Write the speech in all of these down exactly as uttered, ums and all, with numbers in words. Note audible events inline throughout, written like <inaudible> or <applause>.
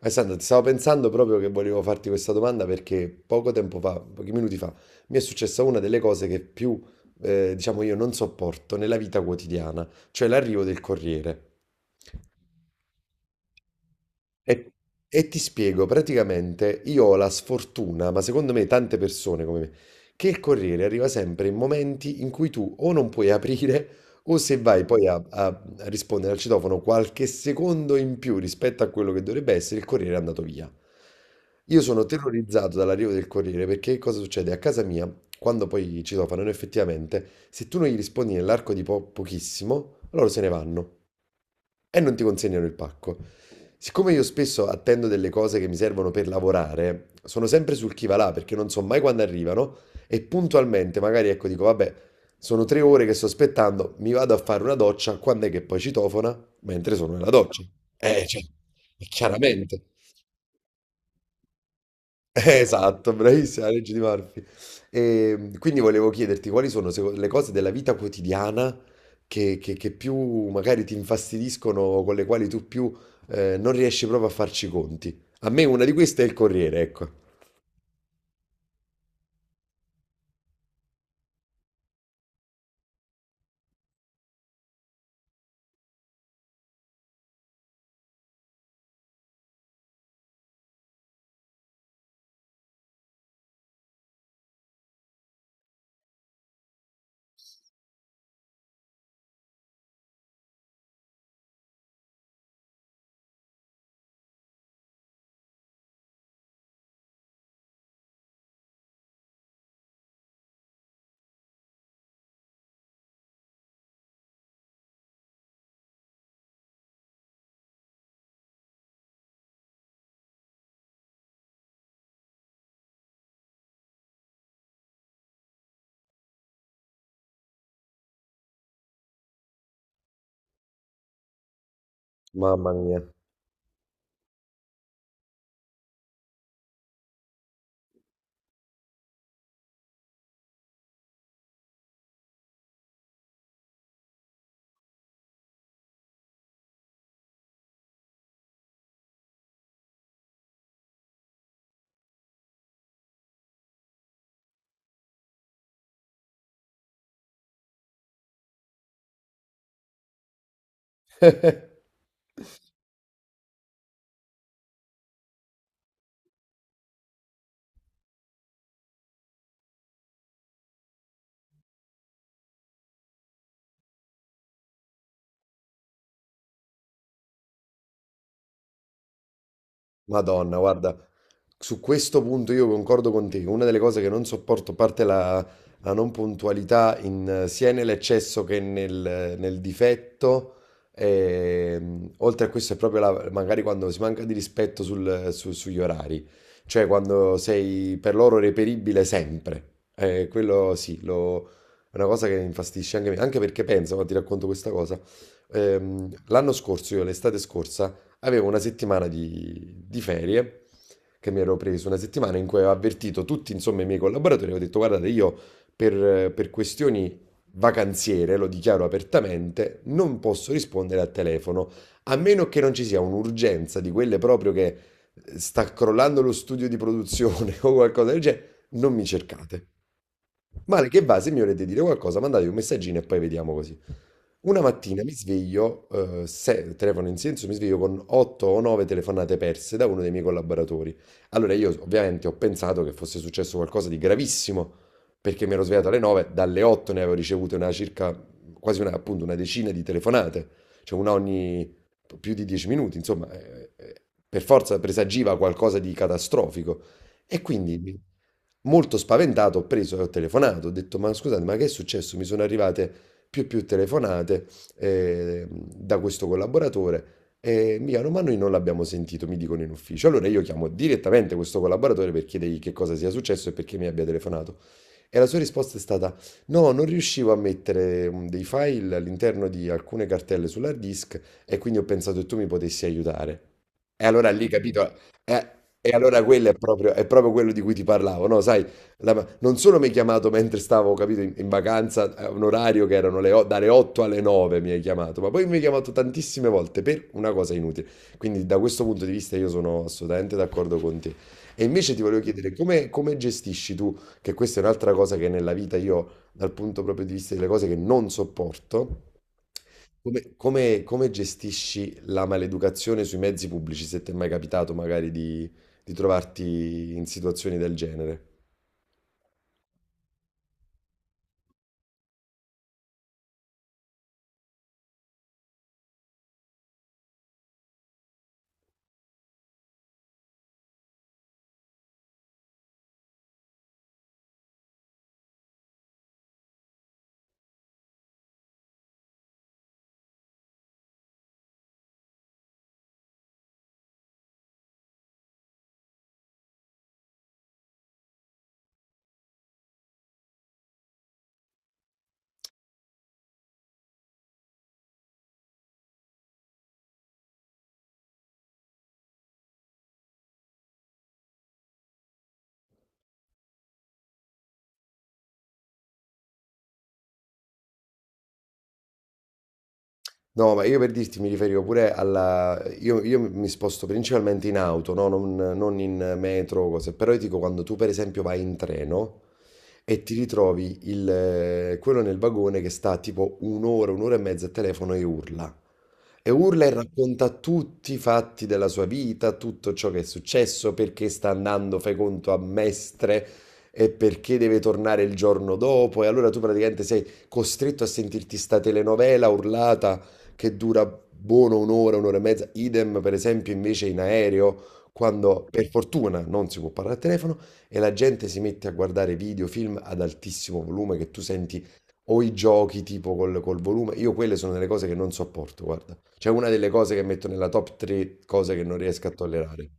Alessandro, ti stavo pensando proprio che volevo farti questa domanda perché poco tempo fa, pochi minuti fa, mi è successa una delle cose che più, eh, diciamo, io non sopporto nella vita quotidiana, cioè l'arrivo del corriere. E, e ti spiego, praticamente io ho la sfortuna, ma secondo me tante persone come me, che il Corriere arriva sempre in momenti in cui tu o non puoi aprire o se vai poi a, a a rispondere al citofono qualche secondo in più rispetto a quello che dovrebbe essere, il Corriere è andato via. Io sono terrorizzato dall'arrivo del Corriere perché cosa succede? A casa mia, quando poi citofonano effettivamente, se tu non gli rispondi nell'arco di po- pochissimo, loro se ne vanno e non ti consegnano il pacco. Siccome io spesso attendo delle cose che mi servono per lavorare, sono sempre sul chi va là perché non so mai quando arrivano e puntualmente magari ecco dico vabbè, sono tre ore che sto aspettando, mi vado a fare una doccia, quando è che poi citofona? Mentre sono nella doccia. Eh, cioè, chiaramente. Eh, Esatto, bravissima, la legge di Murphy. E, quindi volevo chiederti quali sono seco- le cose della vita quotidiana che, che- che più magari ti infastidiscono, o con le quali tu più eh, non riesci proprio a farci i conti. A me una di queste è il Corriere, ecco. Mamma mia. Madonna, guarda, su questo punto io concordo con te. Una delle cose che non sopporto, a parte la, la non puntualità, in- sia nell'eccesso che nel, nel difetto, ehm, oltre a questo è proprio la- magari quando si manca di rispetto sul- su- sugli orari, cioè quando sei per loro reperibile sempre. Eh, quello sì, lo- è una cosa che mi infastidisce anche me, anche perché penso, ma ti racconto questa cosa. Ehm, l'anno scorso, io l'estate scorsa, avevo una settimana di, di ferie che mi ero preso, una settimana in cui avevo avvertito tutti, insomma, i miei collaboratori, avevo detto, guardate, io per, per questioni vacanziere, lo dichiaro apertamente, non posso rispondere al telefono, a meno che non ci sia un'urgenza di quelle proprio che sta crollando lo studio di produzione <laughs> o qualcosa del genere, non mi cercate. Male che va, se mi volete dire qualcosa, mandate un messaggino e poi vediamo così. Una mattina mi sveglio, eh, se- telefono in silenzio, mi sveglio con otto o nove telefonate perse da uno dei miei collaboratori. Allora io ovviamente ho pensato che fosse successo qualcosa di gravissimo, perché mi ero svegliato alle nove, dalle otto ne avevo ricevute una circa, quasi una, appunto una decina di telefonate, cioè una ogni più di dieci minuti, insomma, eh, eh, per forza presagiva qualcosa di catastrofico. E quindi, molto spaventato, ho preso e ho telefonato, ho detto, ma scusate, ma che è successo? Mi sono arrivate più e più telefonate eh, da questo collaboratore e mi chiamano, ma noi non l'abbiamo sentito, mi dicono in ufficio. Allora io chiamo direttamente questo collaboratore per chiedergli che cosa sia successo e perché mi abbia telefonato. E la sua risposta è stata: No, non riuscivo a mettere mm, dei file all'interno di alcune cartelle sull'hard disk e quindi ho pensato che tu mi potessi aiutare. E allora lì, capito? eh, e allora quello è proprio, è proprio quello di cui ti parlavo, no? Sai, la- non solo mi hai chiamato mentre stavo, capito, in, in vacanza, a un orario che erano le o- dalle otto alle nove mi hai chiamato, ma poi mi hai chiamato tantissime volte per una cosa inutile. Quindi da questo punto di vista io sono assolutamente d'accordo con te. E invece ti volevo chiedere come, come gestisci tu che questa è un'altra cosa che nella vita io, dal punto proprio di vista delle cose che non sopporto, come, come- come gestisci la maleducazione sui mezzi pubblici, se ti è mai capitato magari di, di trovarti in situazioni del genere? No, ma io per dirti mi riferivo pure alla... Io, io mi sposto principalmente in auto, no? Non, non in metro o cose, però io dico quando tu per esempio vai in treno e ti ritrovi il, eh, quello nel vagone che sta tipo un'ora, un'ora e mezza a telefono e urla. E urla e racconta tutti i fatti della sua vita, tutto ciò che è successo, perché sta andando, fai conto, a Mestre e perché deve tornare il giorno dopo. E allora tu praticamente sei costretto a sentirti sta telenovela urlata che dura buono un'ora, un'ora e mezza. Idem, per esempio, invece in aereo. Quando per fortuna non si può parlare al telefono e la gente si mette a guardare video, film ad altissimo volume che tu senti o i giochi tipo col, col volume, io quelle sono delle cose che non sopporto, guarda. C'è una delle cose che metto nella top tre cose che non riesco a tollerare.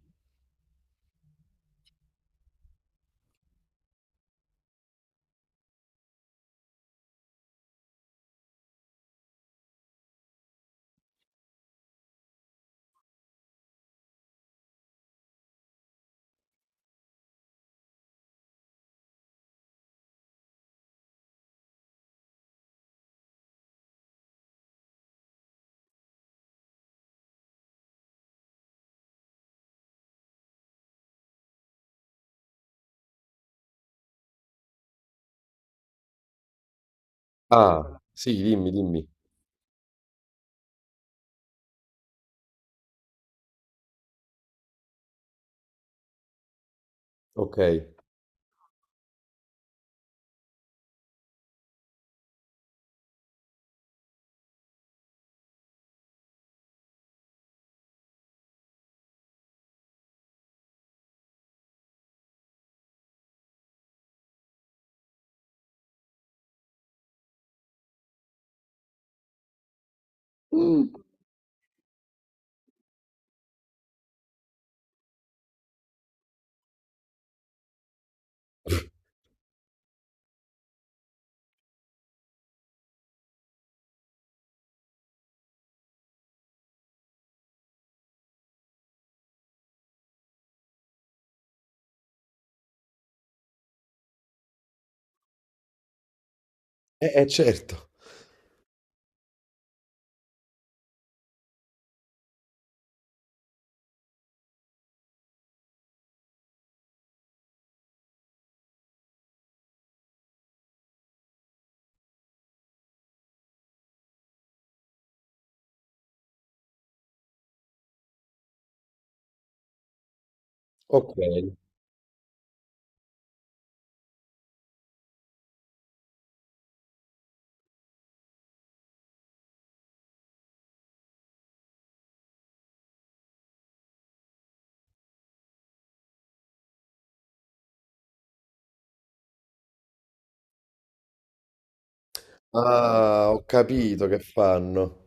Ah, sì, dimmi, dimmi. Ok. Eh, eh, certo. Ok. Ah, ho capito che fanno.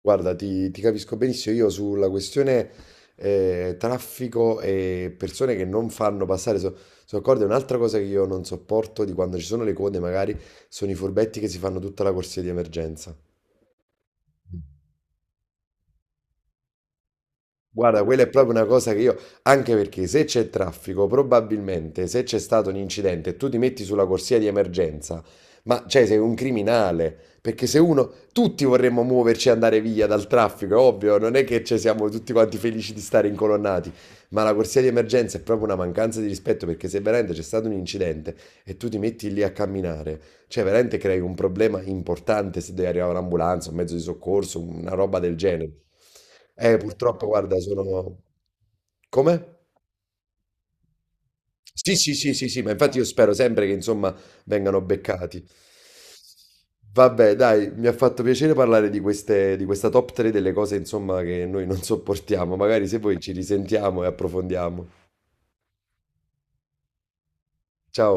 Guarda, ti, ti capisco benissimo. Io sulla questione eh, traffico e persone che non fanno passare, so- sono d'accordo. E un'altra cosa che io non sopporto di quando ci sono le code, magari, sono i furbetti che si fanno tutta la corsia di emergenza. Guarda, quella è proprio una cosa che io, anche perché se c'è traffico, probabilmente se c'è stato un incidente e tu ti metti sulla corsia di emergenza, ma cioè sei un criminale, perché se uno, tutti vorremmo muoverci e andare via dal traffico, è ovvio, non è che ci siamo tutti quanti felici di stare incolonnati, ma la corsia di emergenza è proprio una mancanza di rispetto perché se veramente c'è stato un incidente e tu ti metti lì a camminare, cioè, veramente crei un problema importante se deve arrivare un'ambulanza, un mezzo di soccorso, una roba del genere. Eh, purtroppo, guarda, sono... Come? Sì, sì, sì, sì, sì, ma infatti io spero sempre che, insomma, vengano beccati. Vabbè, dai, mi ha fatto piacere parlare di queste, di questa top tre delle cose, insomma, che noi non sopportiamo. Magari se poi ci risentiamo e approfondiamo. Ciao.